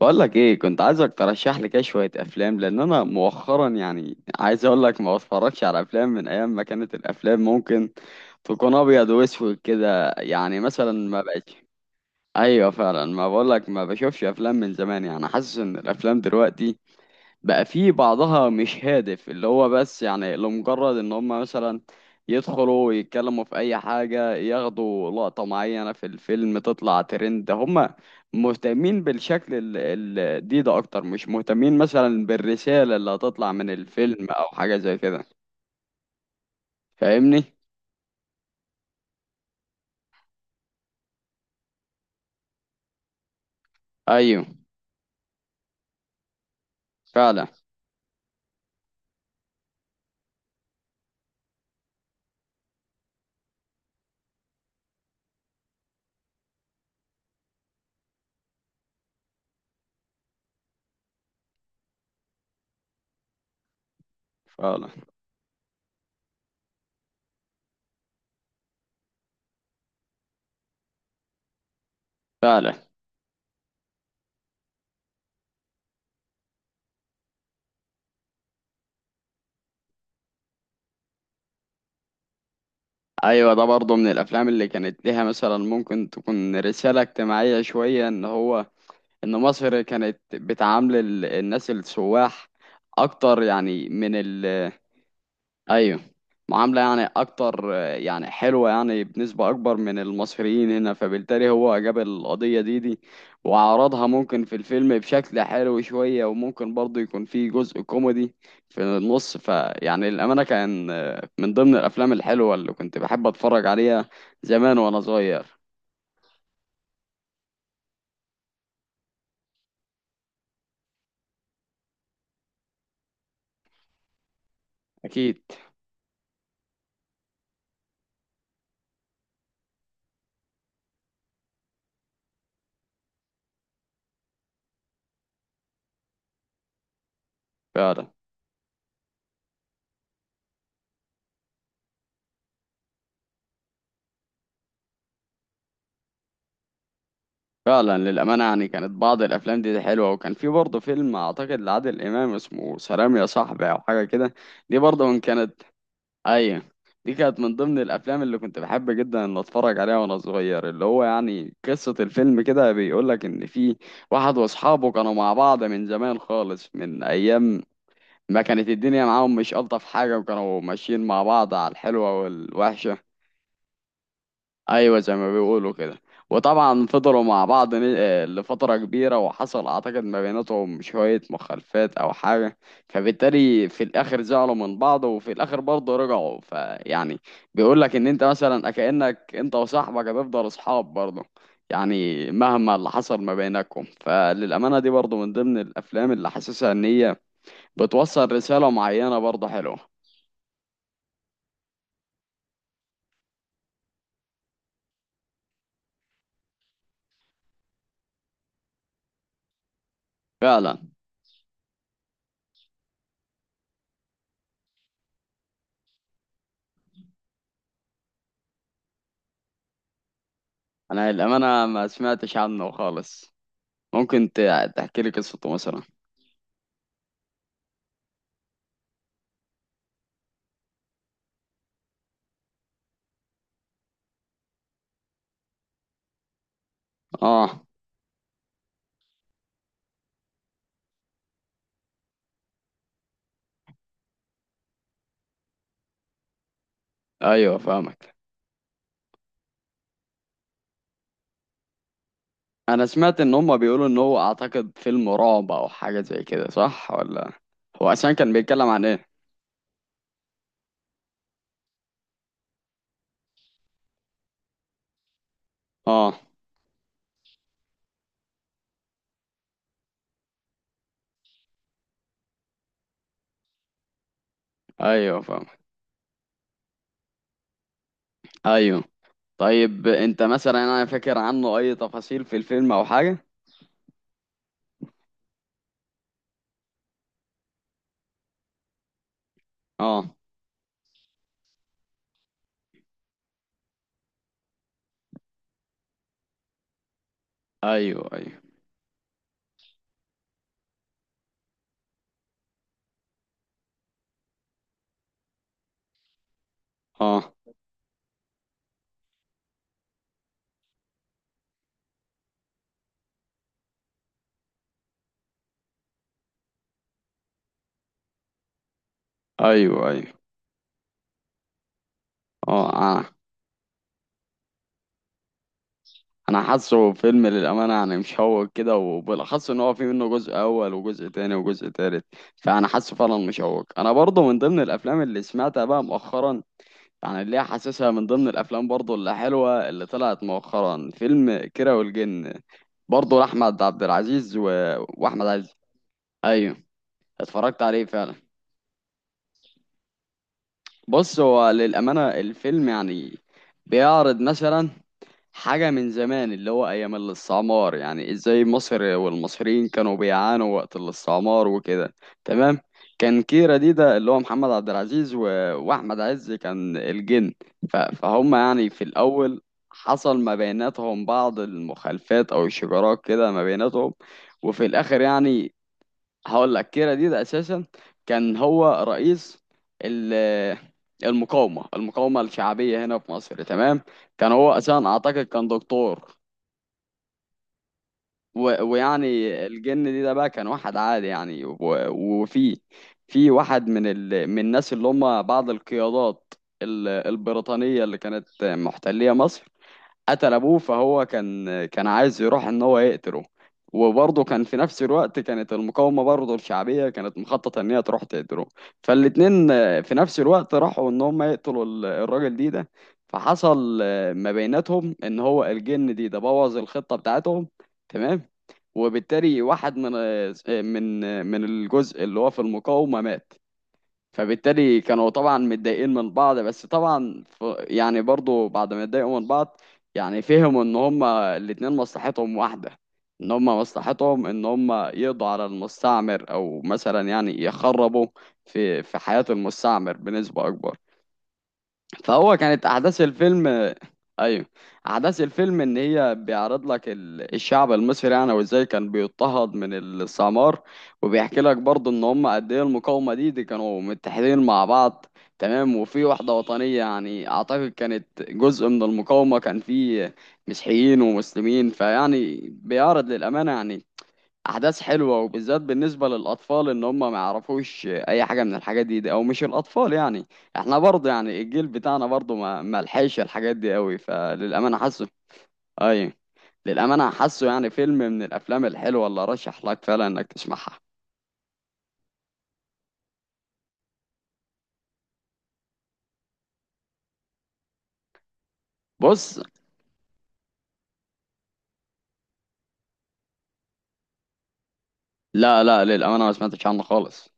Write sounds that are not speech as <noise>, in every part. بقول لك ايه، كنت عايزك ترشح لي كده شويه افلام. لان انا مؤخرا يعني عايز اقول لك ما بتفرجش على افلام من ايام ما كانت الافلام ممكن تكون ابيض واسود كده، يعني مثلا ما بقتش. ايوه فعلا، ما بقول لك ما بشوفش افلام من زمان. يعني حاسس ان الافلام دلوقتي بقى في بعضها مش هادف، اللي هو بس يعني لمجرد ان هم مثلا يدخلوا يتكلموا في اي حاجة، ياخدوا لقطة معينة في الفيلم تطلع ترند. هم مهتمين بالشكل ال دي ده اكتر، مش مهتمين مثلا بالرسالة اللي هتطلع من الفيلم او حاجة زي كده. فاهمني؟ ايوه فعلا، فعلا فعلا. ايوه، ده برضه من الافلام اللي كانت ليها مثلا ممكن تكون رسالة اجتماعية شوية، ان هو ان مصر كانت بتعامل الناس السواح اكتر يعني من ال... ايوه، معاملة يعني اكتر، يعني حلوة، يعني بنسبة اكبر من المصريين هنا. فبالتالي هو جاب القضية دي وعرضها ممكن في الفيلم بشكل حلو شوية، وممكن برضه يكون فيه جزء كوميدي في النص. فيعني الأمانة كان من ضمن الأفلام الحلوة اللي كنت بحب أتفرج عليها زمان وأنا صغير. أكيد. فعلا. فعلا للأمانة، يعني كانت بعض الأفلام دي حلوة، وكان في برضه فيلم أعتقد لعادل إمام اسمه سلام يا صاحبي أو حاجة كده. دي برضه من كانت... أيوة، دي كانت من ضمن الأفلام اللي كنت بحب جدا إن أتفرج عليها وأنا صغير. اللي هو يعني قصة الفيلم كده بيقولك إن في واحد وأصحابه كانوا مع بعض من زمان خالص، من أيام ما كانت الدنيا معاهم مش ألطف حاجة، وكانوا ماشيين مع بعض على الحلوة والوحشة. ايوه زي ما بيقولوا كده. وطبعا فضلوا مع بعض لفتره كبيره، وحصل اعتقد ما بيناتهم شويه مخالفات او حاجه، فبالتالي في الاخر زعلوا من بعض، وفي الاخر برضه رجعوا. فيعني بيقول لك ان انت مثلا كانك انت وصاحبك هتفضل اصحاب برضه، يعني مهما اللي حصل ما بينكم. فللامانه، دي برضه من ضمن الافلام اللي حاسسها ان هي بتوصل رساله معينه برضه حلوه. فعلا. انا للامانه ما سمعتش عنه خالص. ممكن تحكي لي قصته مثلا؟ اه، ايوه فاهمك. انا سمعت ان هما بيقولوا ان هو اعتقد فيلم رعب او حاجه زي كده، صح ولا؟ هو اصلا كان بيتكلم عن ايه؟ اه، ايوه فاهمك. ايوه. طيب انت مثلا، انا فاكر عنه اي تفاصيل في الفيلم او حاجه؟ اه، ايوه ايوه. اه، ايوه ايوه. اه، آه. انا حاسه فيلم للامانه يعني مشوق كده، وبالاخص ان هو في منه جزء اول وجزء تاني وجزء تالت. فانا حاسه فعلا مشوق. انا برضه من ضمن الافلام اللي سمعتها بقى مؤخرا، يعني اللي هي حاسسها من ضمن الافلام برضه اللي حلوه اللي طلعت مؤخرا فيلم كيرة والجن. برضه لاحمد عبد العزيز واحمد عز. ايوه، اتفرجت عليه فعلا. بص، هو للامانه الفيلم يعني بيعرض مثلا حاجة من زمان، اللي هو أيام الاستعمار. يعني إزاي مصر والمصريين كانوا بيعانوا وقت الاستعمار وكده. تمام. كان كيرة دي ده اللي هو محمد عبد العزيز وأحمد عز كان الجن. فهم يعني في الأول حصل ما بيناتهم بعض المخالفات أو الشجارات كده ما بيناتهم، وفي الآخر يعني. هقول لك كيرا دي ده اساسا كان هو رئيس ال- المقاومه الشعبيه هنا في مصر. تمام. كان هو اساسا اعتقد كان دكتور. ويعني الجن دي ده بقى كان واحد عادي يعني، وفي واحد من من الناس اللي هم بعض القيادات البريطانيه اللي كانت محتليه مصر. قتل ابوه، فهو كان عايز يروح ان هو يقتله. وبرضه كان في نفس الوقت كانت المقاومة برضه الشعبية كانت مخططة ان هي تروح تقتله. فالاتنين في نفس الوقت راحوا ان هم يقتلوا الراجل دي ده. فحصل ما بيناتهم ان هو الجن دي ده بوظ الخطة بتاعتهم. تمام. وبالتالي واحد من الجزء اللي هو في المقاومة مات. فبالتالي كانوا طبعا متضايقين من بعض. بس طبعا، يعني برضو بعد ما اتضايقوا من بعض يعني فهموا ان هما الاتنين مصلحتهم واحدة، ان هما مصلحتهم ان هما يقضوا على المستعمر، او مثلا يعني يخربوا في حياة المستعمر بنسبة اكبر. فهو كانت احداث الفيلم. ايوه. احداث الفيلم ان هي بيعرض لك الشعب المصري يعني، وازاي كان بيضطهد من السمار. وبيحكي لك برضه ان هم قد ايه المقاومه دي كانوا متحدين مع بعض. تمام. وفي وحده وطنيه يعني اعتقد كانت جزء من المقاومه، كان في مسيحيين ومسلمين. فيعني بيعرض للامانه يعني احداث حلوه، وبالذات بالنسبه للاطفال ان هم ما يعرفوش اي حاجه من الحاجات دي، او مش الاطفال يعني احنا برضه، يعني الجيل بتاعنا برضه ما لحقش الحاجات دي قوي. فللامانه حاسه. اي، للامانه حاسه يعني فيلم من الافلام الحلوه اللي ارشح لك فعلا انك تسمعها. بص، لا لا، للامانه ما سمعتش عنه خالص.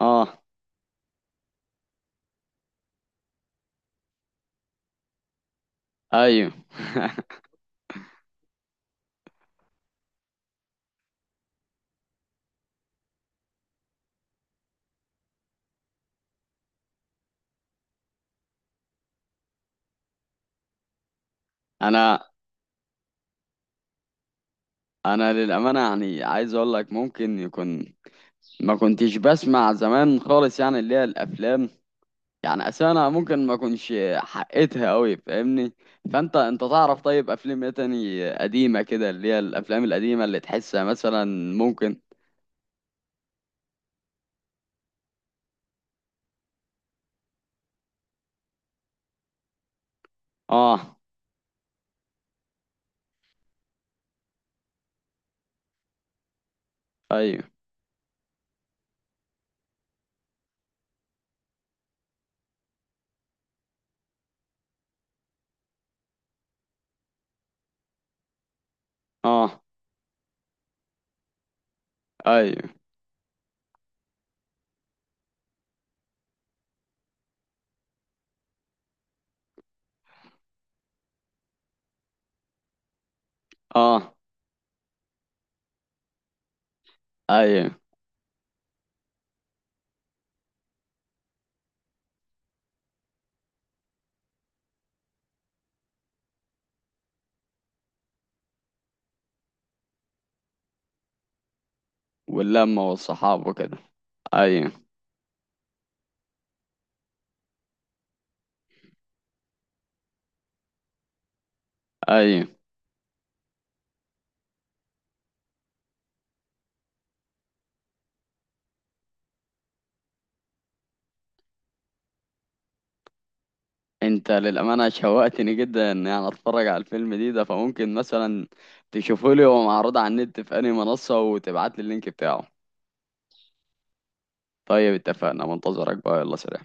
اه، ايوه. <laughs> انا انا للامانه يعني عايز اقول لك ممكن يكون ما كنتش بسمع زمان خالص، يعني اللي هي الافلام. يعني اصل انا ممكن ما اكونش حقيتها قوي، فاهمني؟ فانت تعرف طيب افلام ايه تاني قديمه كده، اللي هي الافلام القديمه اللي تحسها مثلا؟ ممكن. اه، ايوه. اه، ايوه. اه، ايوه. واللمه والصحاب وكده. ايوه. ايوه. انت للامانه شوقتني جدا، ان يعني اتفرج على الفيلم دي ده. فممكن مثلا تشوفه لي هو معروض على النت في انهي منصه، وتبعت لي اللينك بتاعه؟ طيب اتفقنا، منتظرك بقى. يلا سلام.